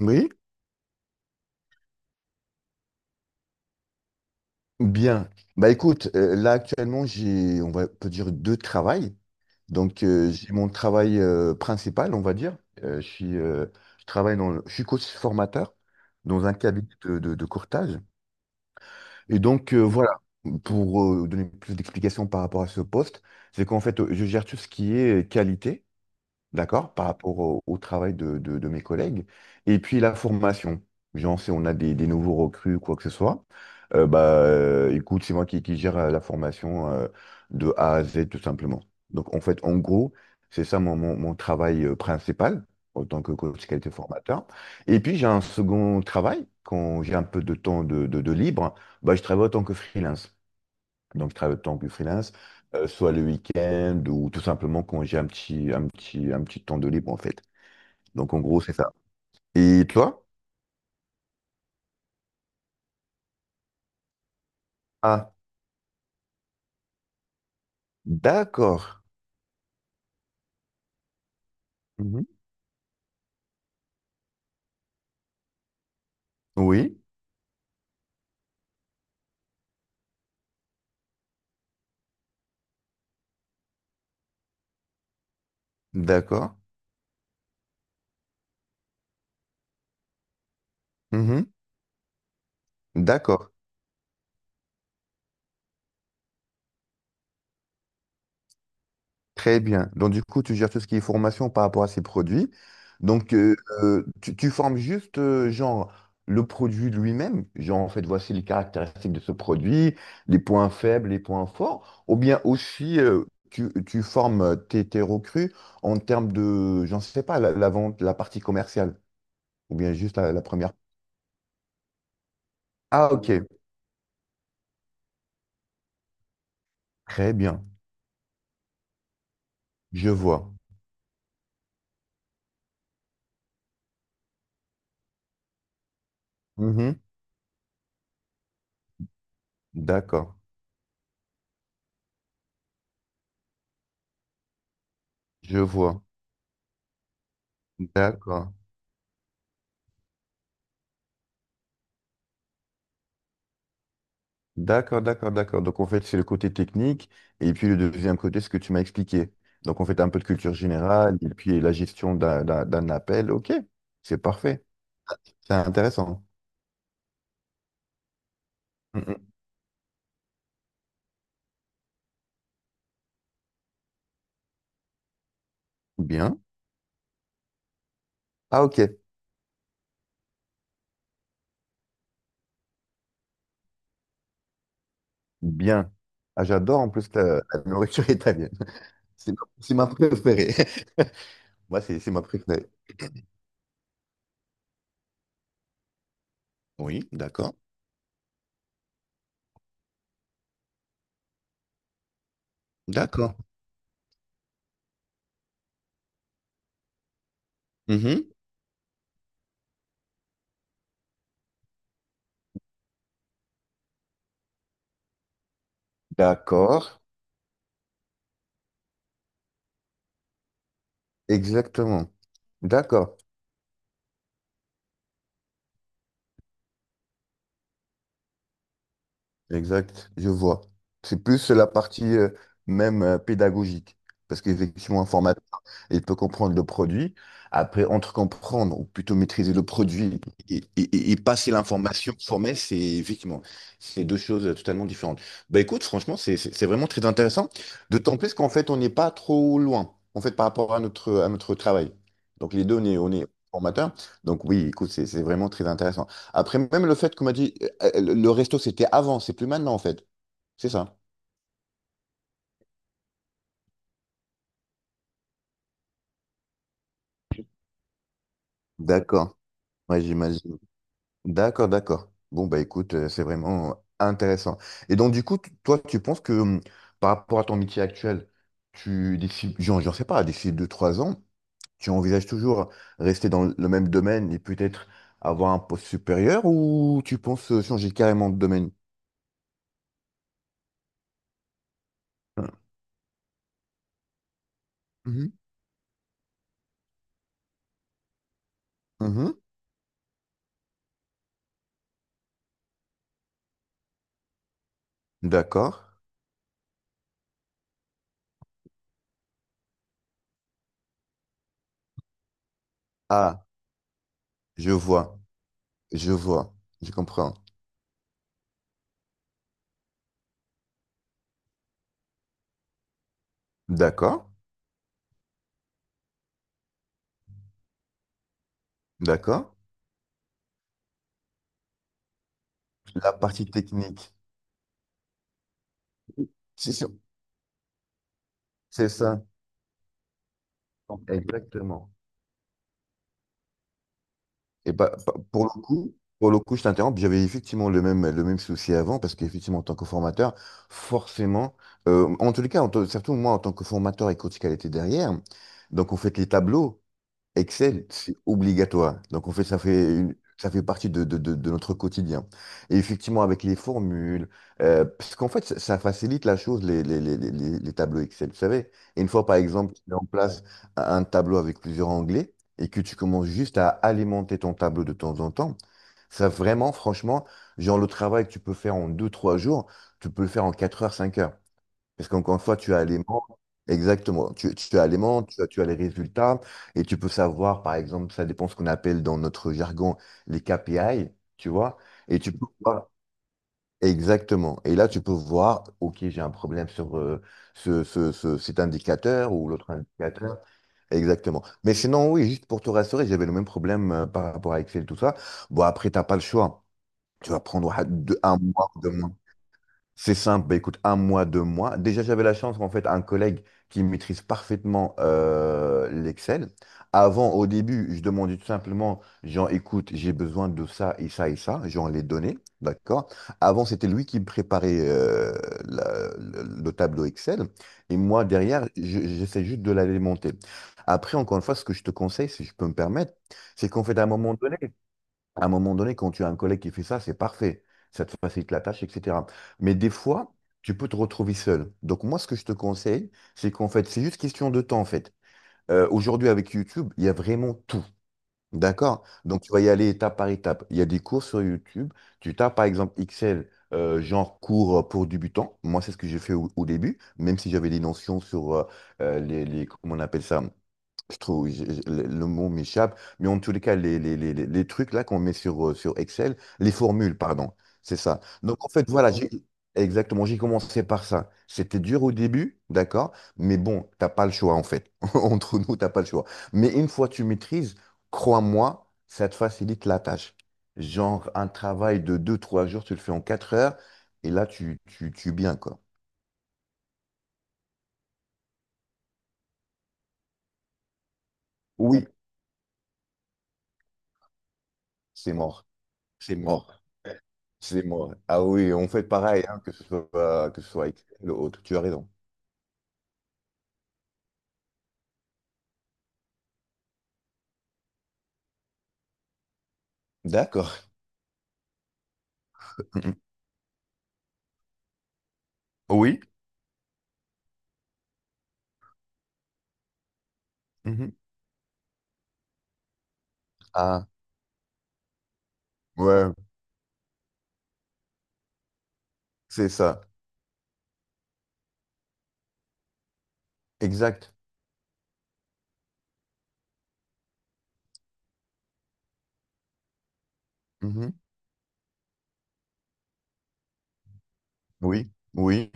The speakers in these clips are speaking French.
Oui, bien. Bah écoute, là actuellement on va peut dire deux travails. Donc j'ai mon travail principal, on va dire. Euh, je suis, euh, je suis coach formateur dans un cabinet de courtage. Et donc voilà, pour donner plus d'explications par rapport à ce poste, c'est qu'en fait je gère tout ce qui est qualité. D'accord, par rapport au travail de mes collègues. Et puis la formation. Genre, si on a des nouveaux recrues ou quoi que ce soit, bah, écoute, c'est moi qui gère la formation de A à Z, tout simplement. Donc, en fait, en gros, c'est ça mon travail principal en tant que coach qualité formateur. Et puis, j'ai un second travail, quand j'ai un peu de temps de libre, bah, je travaille en tant que freelance. Donc, je travaille autant que freelance, soit le week-end ou tout simplement quand j'ai un petit temps de libre, en fait. Donc, en gros, c'est ça. Et toi? Ah, d'accord. Mhm. Oui, d'accord. Mhm. D'accord. Très bien. Donc, du coup, tu gères tout ce qui est formation par rapport à ces produits. Donc, tu formes juste, genre, le produit lui-même. Genre, en fait, voici les caractéristiques de ce produit, les points faibles, les points forts. Ou bien aussi, tu formes tes recrues en termes de, j'en sais pas, la vente, la partie commerciale. Ou bien juste la première. Ah, ok. Très bien. Je vois. Mhm. D'accord. Je vois. D'accord. D'accord, d'accord, d'accord. Donc en fait, c'est le côté technique et puis le deuxième côté, ce que tu m'as expliqué. Donc en fait, un peu de culture générale et puis la gestion d'un appel. Ok, c'est parfait. C'est intéressant. Mm, mm. Bien. Ah, ok, bien. Ah, j'adore en plus la nourriture italienne. C'est ma préférée. Moi, c'est ma préférée. Oui, d'accord. D'accord. Mhm. D'accord, exactement. D'accord. Exact, je vois. C'est plus la partie même pédagogique. Parce qu'effectivement, un formateur, il peut comprendre le produit. Après, entre comprendre, ou plutôt maîtriser le produit et passer l'information formée, c'est effectivement, c'est deux choses totalement différentes. Bah écoute, franchement, c'est vraiment très intéressant. D'autant plus qu'en fait, on n'est pas trop loin, en fait, par rapport à notre travail. Donc les deux, on est formateur. Donc oui, écoute, c'est vraiment très intéressant. Après, même le fait qu'on m'a dit, le resto, c'était avant, c'est plus maintenant, en fait. C'est ça. D'accord. Ouais, j'imagine. D'accord, d'accord. Bon, bah écoute, c'est vraiment intéressant. Et donc, du coup, toi, tu penses que par rapport à ton métier actuel, d'ici, j'en sais pas, d'ici 2 3 ans, tu envisages toujours rester dans le même domaine et peut-être avoir un poste supérieur ou tu penses changer carrément de domaine? Hein. Mhm. Mhm. D'accord. Ah, je vois, je vois, je comprends. D'accord, d'accord. La partie technique, c'est sûr, c'est ça, exactement. Et bah, pour le coup, je t'interromps, j'avais effectivement le même souci avant, parce qu'effectivement, en tant que formateur, forcément, en tous les cas, surtout moi, en tant que formateur et coach qualité derrière, donc on fait les tableaux, Excel, c'est obligatoire. Donc, en fait, ça fait ça fait partie de notre quotidien. Et effectivement, avec les formules, parce qu'en fait, ça facilite la chose, les tableaux Excel, vous savez. Et une fois, par exemple, tu mets en place un tableau avec plusieurs onglets et que tu commences juste à alimenter ton tableau de temps en temps, ça vraiment, franchement, genre le travail que tu peux faire en 2, 3 jours, tu peux le faire en 4 heures, 5 heures. Parce qu'encore une fois, tu as les membres, exactement, tu as les membres, tu as les résultats, et tu peux savoir, par exemple, ça dépend ce qu'on appelle dans notre jargon les KPI, tu vois, et tu peux voir, exactement, et là, tu peux voir, OK, j'ai un problème sur cet indicateur ou l'autre indicateur, exactement. Mais sinon, oui, juste pour te rassurer, j'avais le même problème par rapport à Excel, tout ça. Bon, après, tu n'as pas le choix. Tu vas prendre 1 mois, 2 mois. C'est simple, bah, écoute, 1 mois, 2 mois. Déjà, j'avais la chance, en fait, un collègue qui maîtrise parfaitement l'Excel. Avant, au début, je demandais tout simplement, genre, écoute, j'ai besoin de ça et ça et ça, genre les données, d'accord? Avant, c'était lui qui me préparait le tableau Excel, et moi, derrière, j'essaie juste de l'alimenter. Après, encore une fois, ce que je te conseille, si je peux me permettre, c'est qu'en fait, à un moment donné, quand tu as un collègue qui fait ça, c'est parfait. Ça te facilite la tâche, etc. Mais des fois, tu peux te retrouver seul. Donc moi, ce que je te conseille, c'est qu'en fait, c'est juste question de temps, en fait. Aujourd'hui, avec YouTube, il y a vraiment tout. D'accord? Donc tu vas y aller étape par étape. Il y a des cours sur YouTube. Tu tapes par exemple Excel, genre cours pour débutants. Moi, c'est ce que j'ai fait au début, même si j'avais des notions sur comment on appelle ça? Je trouve, le mot m'échappe, mais en tous les cas, les trucs là qu'on met sur Excel, les formules, pardon, c'est ça. Donc en fait, voilà, exactement, j'ai commencé par ça. C'était dur au début, d'accord, mais bon, t'as pas le choix en fait. Entre nous, t'as pas le choix. Mais une fois que tu maîtrises, crois-moi, ça te facilite la tâche. Genre, un travail de 2 3 jours, tu le fais en 4 heures, et là, tu es bien, quoi. Oui, c'est mort. C'est mort. C'est mort. Ah oui, on fait pareil, hein, que ce soit avec le autre. Tu as raison. D'accord. Mhm. Oui. Mhm. Ah, ouais, c'est ça. Exact. Mhm. Oui, oui.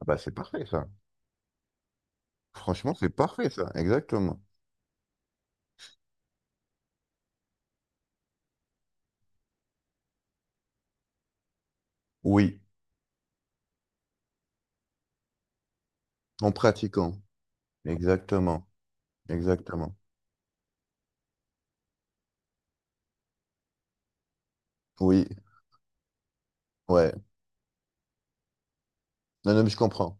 Ah bah, c'est parfait, ça. Franchement, c'est parfait, ça. Exactement. Oui, en pratiquant. Exactement. Exactement. Oui, ouais. Non, non, mais je comprends.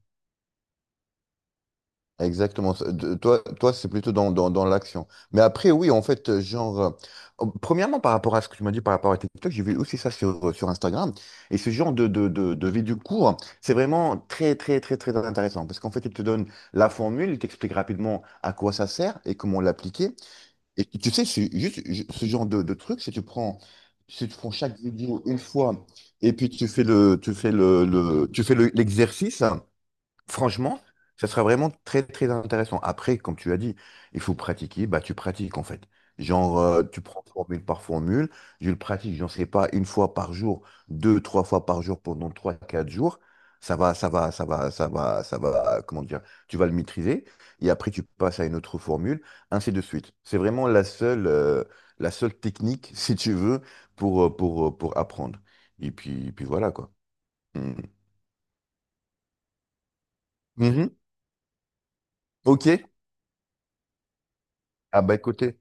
Exactement. Ça. Toi, c'est plutôt dans l'action. Mais après, oui, en fait, genre, premièrement, par rapport à ce que tu m'as dit par rapport à TikTok, j'ai vu aussi ça sur, sur Instagram. Et ce genre de vidéos courtes, c'est vraiment très, très, très, très intéressant. Parce qu'en fait, il te donne la formule, il t'explique rapidement à quoi ça sert et comment l'appliquer. Et tu sais, c'est juste ce genre de truc, si tu prends chaque vidéo une fois et puis tu fais l'exercice. Hein, franchement, ça sera vraiment très très intéressant. Après, comme tu as dit, il faut pratiquer, bah tu pratiques en fait. Genre, tu prends formule par formule, je le pratique, j'en sais pas, une fois par jour, 2, 3 fois par jour pendant 3, 4 jours. Ça va, ça va, ça va, ça va, ça va, comment dire, tu vas le maîtriser. Et après, tu passes à une autre formule, ainsi de suite. C'est vraiment la seule technique, si tu veux, pour apprendre. Et puis voilà, quoi. Mm. Mhm. Ok. Ah bah écoutez.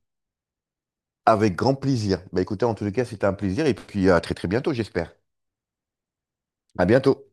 Avec grand plaisir. Bah écoutez, en tous les cas, c'était un plaisir et puis à très très bientôt, j'espère. À bientôt.